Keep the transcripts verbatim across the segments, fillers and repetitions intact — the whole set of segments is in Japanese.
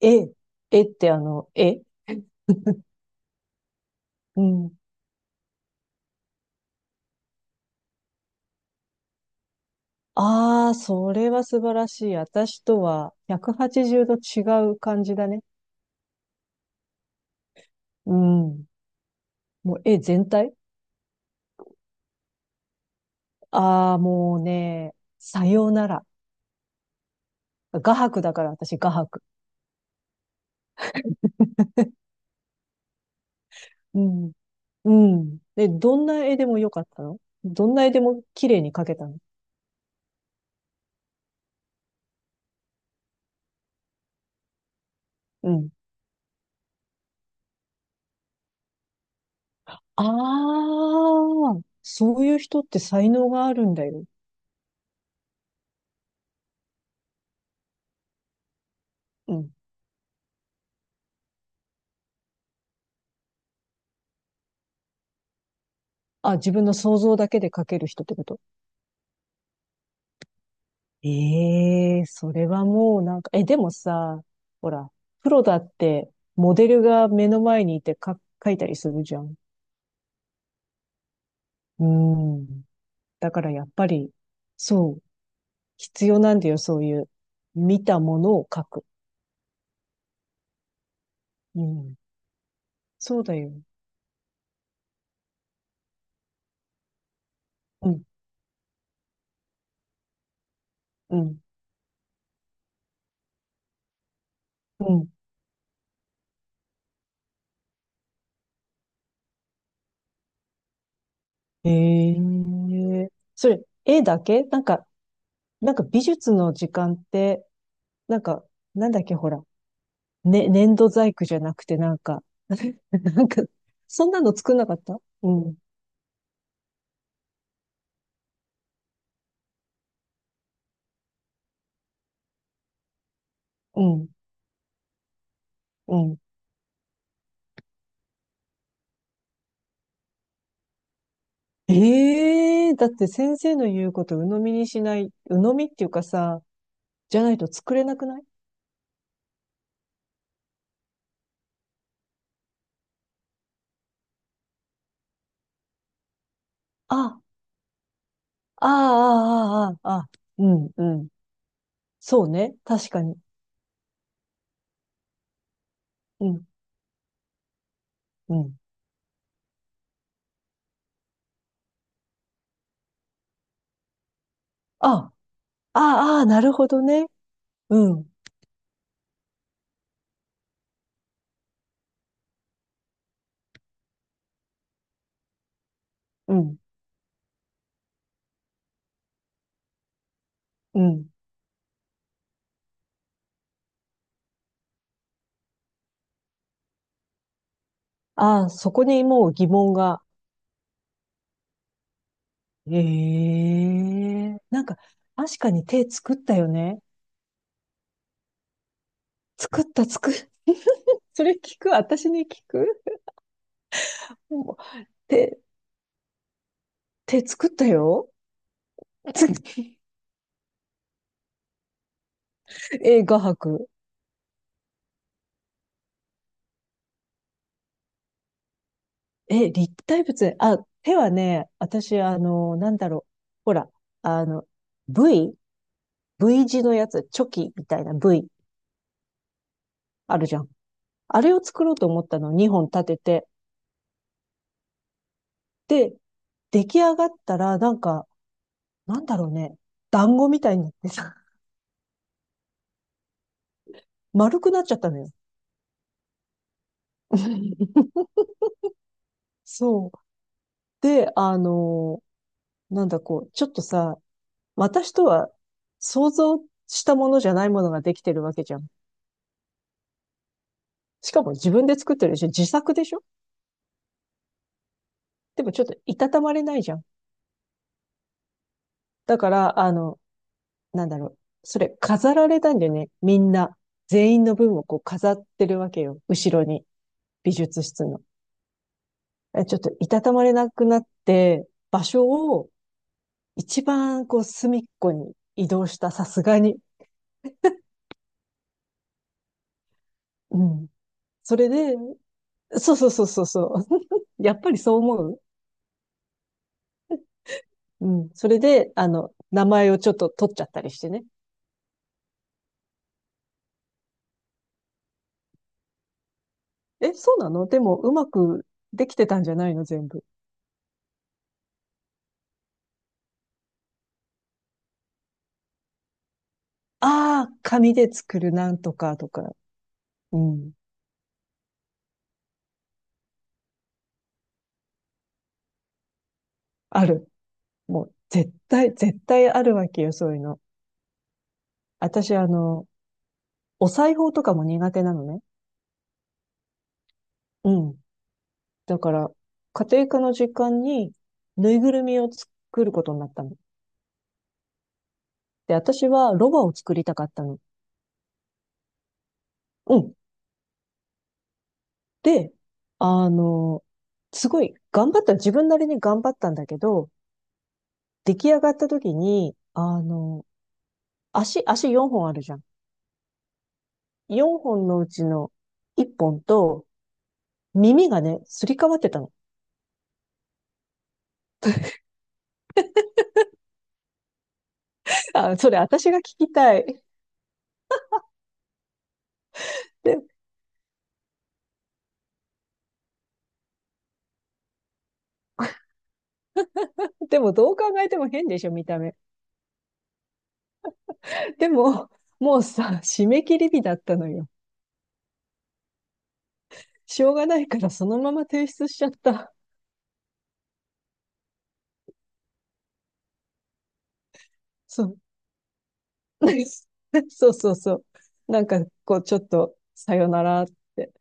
え、えってあの、え、うん。ああ、それは素晴らしい。私とはひゃくはちじゅうど違う感じだね。うん。もう、え、全体、ああー、もうね、さようなら。画伯だから、私、画伯。うん。うん。で、どんな絵でもよかったの？どんな絵でも綺麗に描けたの？うん。ああ、そういう人って才能があるんだよ。うん。あ、自分の想像だけで描ける人ってこと？ええ、それはもうなんか、え、でもさ、ほら、プロだって、モデルが目の前にいてか、書いたりするじゃん。うん。だからやっぱり、そう、必要なんだよ、そういう、見たものを書く。うん。そうだよ。うん、うん、うん。ええ、それ、絵だけ？なんか、なんか美術の時間って、なんか、なんだっけ、ほら、ね、粘土細工じゃなくて、なんか、なんか、そんなの作んなかった？うん、うん、うん。ええ、だって先生の言うこと鵜呑みにしない、鵜呑みっていうかさ、じゃないと作れなくない？あ、ああ、ああ、ああ、ああ、うん、うん。そうね。確かに。うん、うん。あ、ああ、ああ、なるほどね。うん、うん、うん。ああ、そこにもう疑問が。ええ、なんか、確かに手作ったよね。作った、作る。それ聞く？私に聞く？もう手、手作ったよ。え、画伯。え、立体物。あ、手はね、私、あの、なんだろう。ほら、あの、V？ V 字のやつ、チョキみたいな V あるじゃん。あれを作ろうと思ったの、にほん立てて。で、出来上がったら、なんか、なんだろうね、団子みたいになってさ、丸くなっちゃったのよ。そう。で、あの、なんだこう、ちょっとさ、私とは想像したものじゃないものができてるわけじゃん。しかも自分で作ってるでしょ？自作でしょ？でもちょっといたたまれないじゃん。だから、あの、なんだろう。それ飾られたんだよね。みんな。全員の分をこう飾ってるわけよ。後ろに。美術室の。え、ちょっといたたまれなくなって、場所を一番こう隅っこに移動した、さすがに。うん。それで、そうそうそうそうそう。やっぱりそう思う？うん。それで、あの、名前をちょっと取っちゃったりしてね。え、そうなの？でも、うまくできてたんじゃないの全部？ああ、紙で作るなんとかとか。うん。ある。もう、絶対、絶対あるわけよ、そういうの。私、あの、お裁縫とかも苦手なのね。うん。だから、家庭科の時間に、ぬいぐるみを作ることになったの。で、私はロバを作りたかったの。うん。で、あの、すごい頑張った、自分なりに頑張ったんだけど、出来上がった時に、あの、足、足よんほんあるじゃん。よんほんのうちのいっぽんと耳がね、すり替わってたの。あ、それ私が聞きたい。で、でもどう考えても変でしょ、見た目。でも、もうさ、締め切り日だったのよ。しょうがないからそのまま提出しちゃった。そう。そうそうそう。なんか、こう、ちょっと、さよなら。って、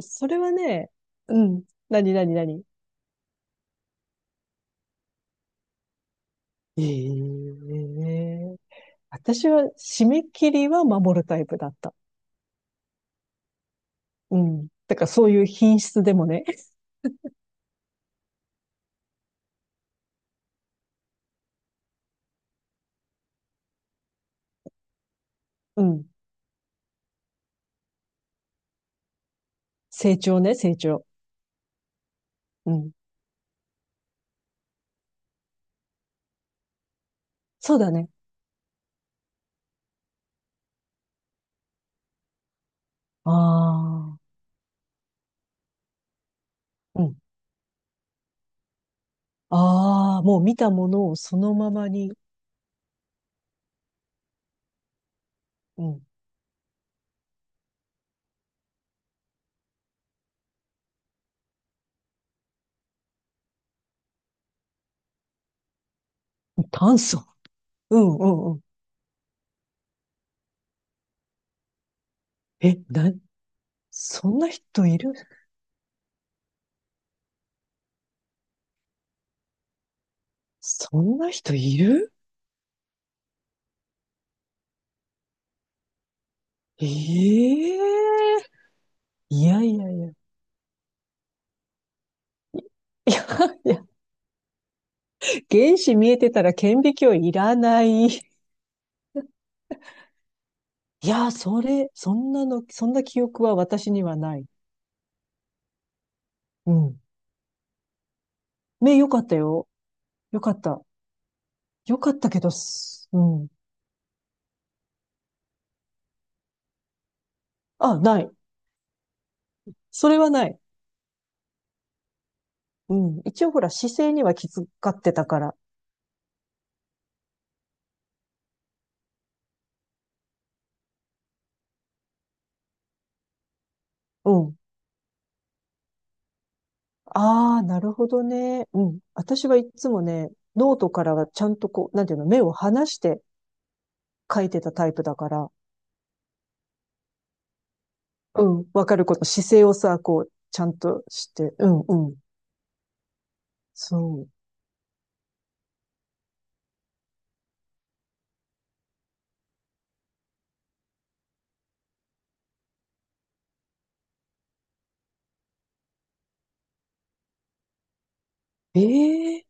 それはね、うん。何何何、ええ、私は締め切りは守るタイプだった。うん。だからそういう品質でもね。うん。成長ね、成長。うん。そうだね。ああ。うん。ああ、もう見たものをそのままに。うん。炭素。うん、うん、うん。え、な、そんな人いる？そんな人いる？ええ、いやいやいや。いや、いや、原子見えてたら顕微鏡いらない。いや、それ、そんなの、そんな記憶は私にはない。うん。目良かったよ。良かった。良かったけどす、うん。あ、ない。それはない。うん。一応ほら、姿勢には気遣ってたから。うん。ああ、なるほどね。うん。私はいつもね、ノートからはちゃんとこう、なんていうの、目を離して書いてたタイプだから。うん。わかること、姿勢をさ、こう、ちゃんとして。うん、うん。そう。ええ、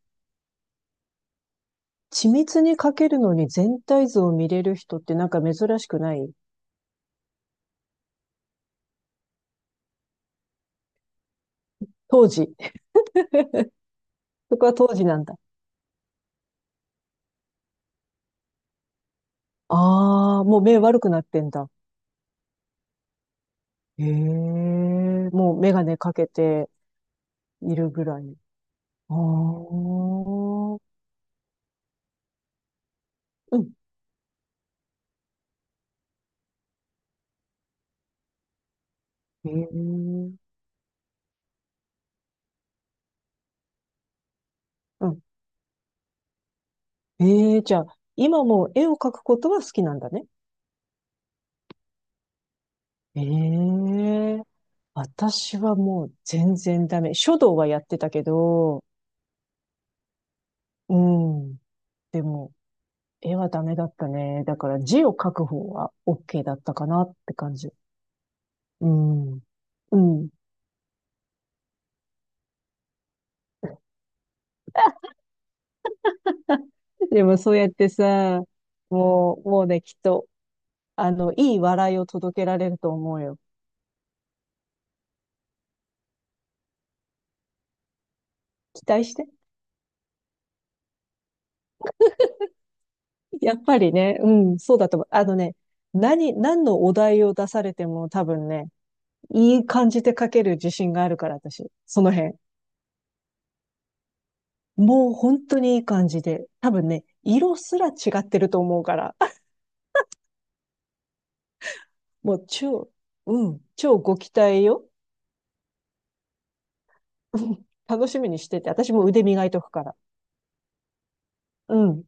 緻密に描けるのに全体像を見れる人ってなんか珍しくない？当時。そこは当時なんだ。ああ、もう目悪くなってんだ。へえ、もうメガネかけているぐらい。ああ、うん。へえ、うん。ええ、じゃあ、今も絵を描くことは好きなんだね。ええ、私はもう全然ダメ。書道はやってたけど、うん。でも、絵はダメだったね。だから字を書く方は OK だったかなって感じ。うん。うん。でもそうやってさ、もう、もうね、きっと、あの、いい笑いを届けられると思うよ。期待して。やっぱりね、うん、そうだと思う。あのね、何、何のお題を出されても多分ね、いい感じで書ける自信があるから、私。その辺。もう本当にいい感じで。多分ね、色すら違ってると思うから。もう超、うん、超ご期待よ。うん、楽しみにしてて、私も腕磨いとくから。うん。